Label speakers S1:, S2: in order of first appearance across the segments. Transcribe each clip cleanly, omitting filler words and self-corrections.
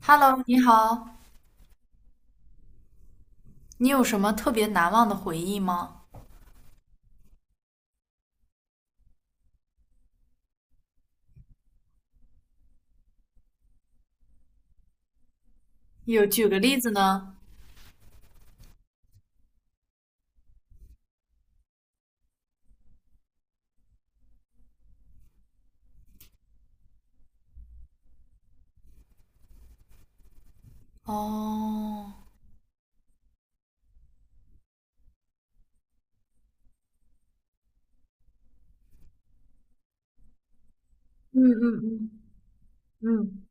S1: Hello，你好，你有什么特别难忘的回忆吗？有举个例子呢？哦，嗯嗯嗯嗯，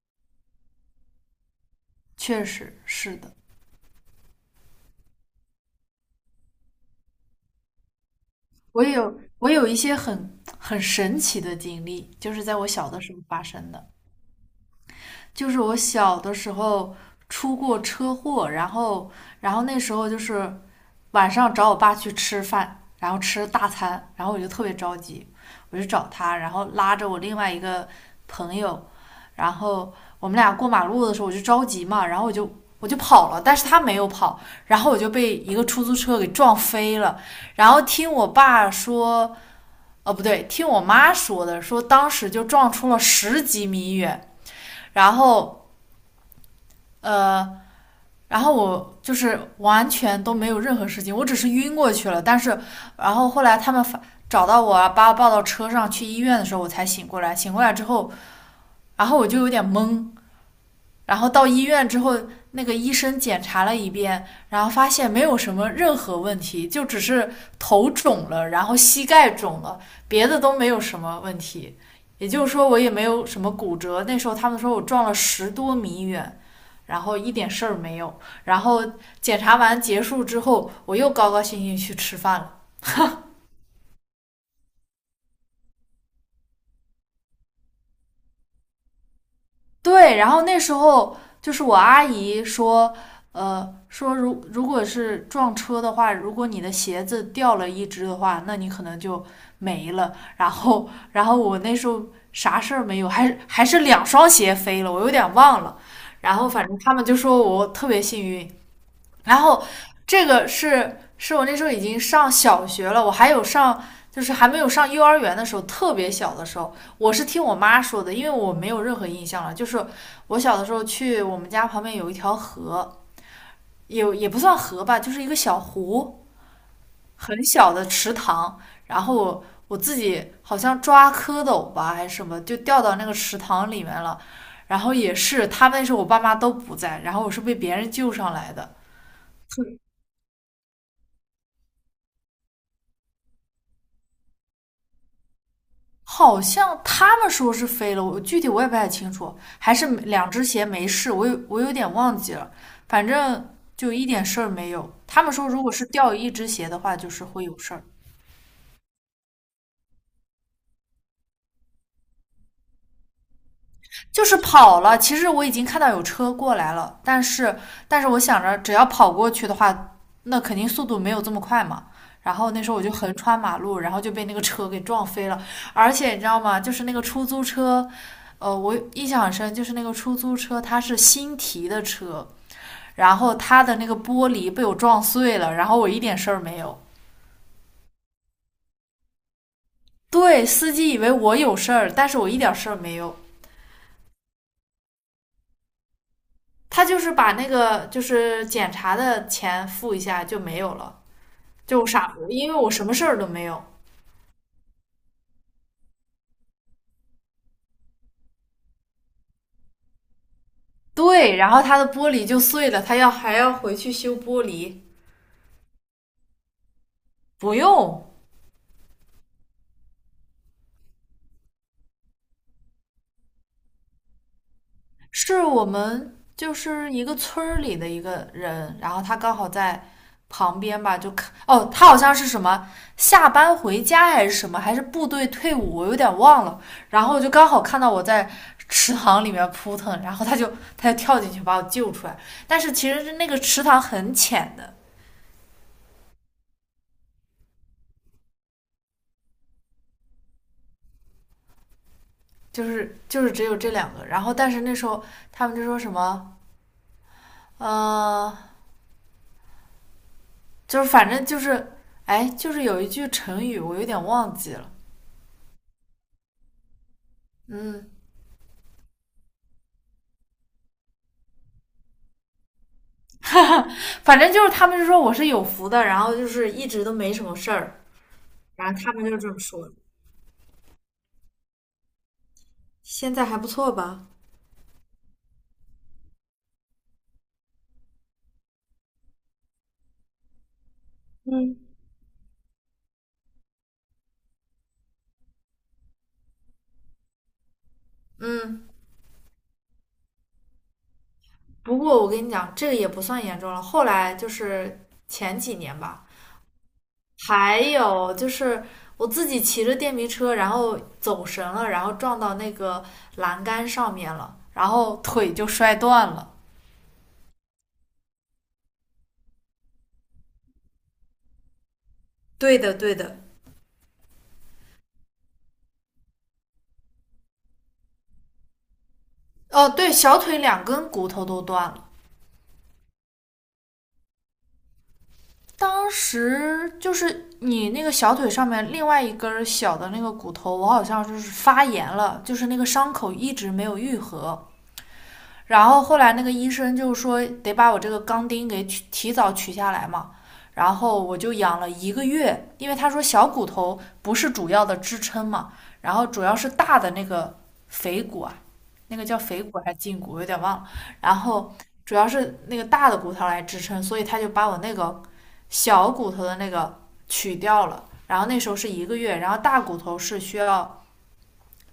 S1: 确实是的，我有一些很神奇的经历，就是在我小的时候发生的。就是我小的时候出过车祸，然后那时候就是晚上找我爸去吃饭，然后吃大餐，然后我就特别着急，我就找他，然后拉着我另外一个朋友，然后我们俩过马路的时候我就着急嘛，然后我就跑了，但是他没有跑，然后我就被一个出租车给撞飞了，然后听我爸说。哦，不对，听我妈说的，说当时就撞出了10几米远，然后呃，然后我就是完全都没有任何事情，我只是晕过去了。但是，然后后来他们找到我啊，把我抱到车上去医院的时候，我才醒过来。醒过来之后，然后我就有点懵，然后到医院之后，那个医生检查了一遍，然后发现没有什么任何问题，就只是头肿了，然后膝盖肿了，别的都没有什么问题。也就是说，我也没有什么骨折。那时候他们说我撞了10多米远，然后一点事儿没有。然后检查完结束之后，我又高高兴兴去吃饭了。对，然后那时候就是我阿姨说，说如果是撞车的话，如果你的鞋子掉了一只的话，那你可能就没了。然后我那时候啥事儿没有，还是两双鞋飞了，我有点忘了。然后反正他们就说我特别幸运，然后这个是我那时候已经上小学了，我还有上就是还没有上幼儿园的时候，特别小的时候，我是听我妈说的，因为我没有任何印象了。就是我小的时候去我们家旁边有一条河，也不算河吧，就是一个小湖，很小的池塘，然后我自己好像抓蝌蚪吧还是什么，就掉到那个池塘里面了。然后也是，他们那时候我爸妈都不在，然后我是被别人救上来的。好像他们说是飞了，我具体我也不太清楚，还是两只鞋没事，我有点忘记了，反正就一点事儿没有。他们说如果是掉一只鞋的话，就是会有事儿。就是跑了。其实我已经看到有车过来了，但是我想着只要跑过去的话，那肯定速度没有这么快嘛。然后那时候我就横穿马路，然后就被那个车给撞飞了。而且你知道吗？就是那个出租车，我印象很深，就是那个出租车它是新提的车，然后它的那个玻璃被我撞碎了，然后我一点事儿没有。对，司机以为我有事儿，但是我一点事儿没有。他就是把那个就是检查的钱付一下就没有了，就傻，因为我什么事儿都没有。对，然后他的玻璃就碎了，还要回去修玻璃，不用，是我们就是一个村儿里的一个人，然后他刚好在旁边吧，就看哦，他好像是什么下班回家还是什么，还是部队退伍，我有点忘了。然后就刚好看到我在池塘里面扑腾，然后他就跳进去把我救出来。但是其实是那个池塘很浅的，就是只有这两个。然后但是那时候他们就说什么，呃，就是反正就是，哎，就是有一句成语我有点忘记了，嗯。反正就是他们就说我是有福的，然后就是一直都没什么事儿，然后他们就这么说的。现在还不错吧？嗯嗯，不过我跟你讲，这个也不算严重了。后来就是前几年吧，还有就是我自己骑着电瓶车，然后走神了，然后撞到那个栏杆上面了，然后腿就摔断了。对的对的，哦，对，小腿两根骨头都断了。当时就是你那个小腿上面另外一根小的那个骨头，我好像就是发炎了，就是那个伤口一直没有愈合。然后后来那个医生就说得把我这个钢钉给提早取下来嘛，然后我就养了一个月，因为他说小骨头不是主要的支撑嘛，然后主要是大的那个腓骨啊，那个叫腓骨还是胫骨，我有点忘了，然后主要是那个大的骨头来支撑，所以他就把我那个小骨头的那个取掉了，然后那时候是一个月，然后大骨头是需要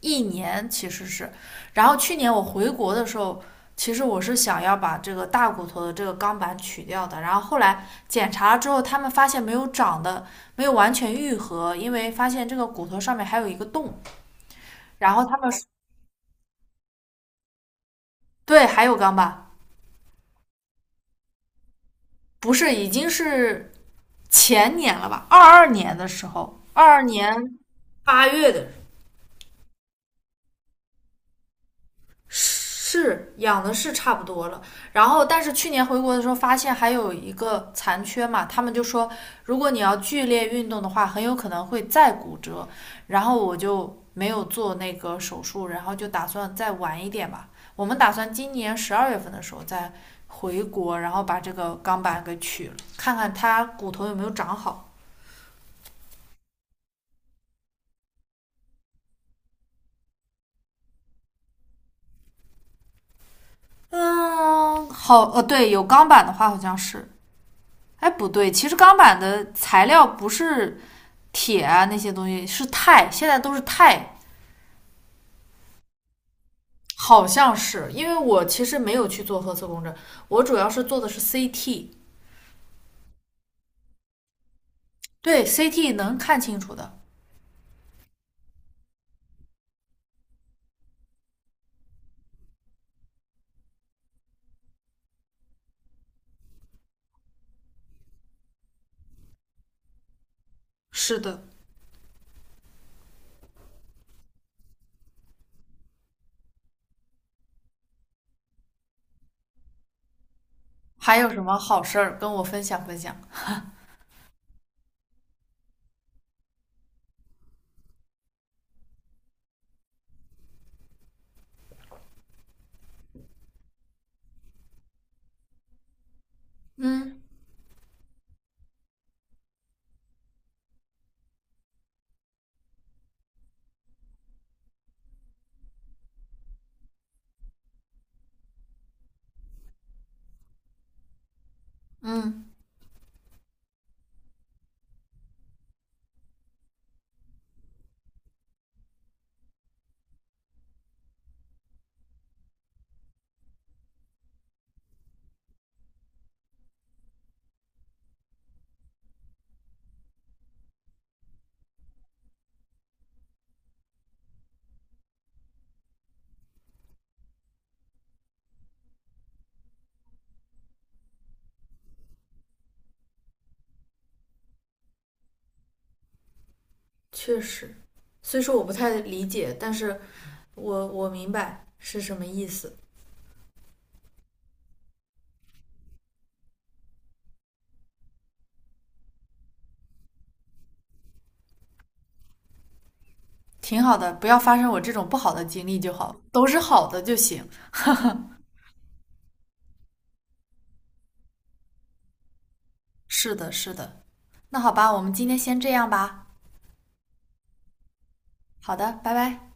S1: 1年其实是，然后去年我回国的时候，其实我是想要把这个大骨头的这个钢板取掉的，然后后来检查了之后，他们发现没有长的，没有完全愈合，因为发现这个骨头上面还有一个洞，然后他们说对还有钢板，不是已经是前年了吧，二二年的时候，22年8月的。是养的是差不多了，然后但是去年回国的时候发现还有一个残缺嘛，他们就说如果你要剧烈运动的话，很有可能会再骨折，然后我就没有做那个手术，然后就打算再晚一点吧。我们打算今年12月份的时候再回国，然后把这个钢板给取了，看看它骨头有没有长好。嗯，好，对，有钢板的话好像是，哎，不对，其实钢板的材料不是铁啊那些东西，是钛，现在都是钛。好像是，因为我其实没有去做核磁共振，我主要是做的是 CT,对 CT 能看清楚的。是的，还有什么好事儿跟我分享分享？嗯，嗯，确实，虽说我不太理解，但是我明白是什么意思。挺好的，不要发生我这种不好的经历就好，都是好的就行。是的，是的。那好吧，我们今天先这样吧。好的，拜拜。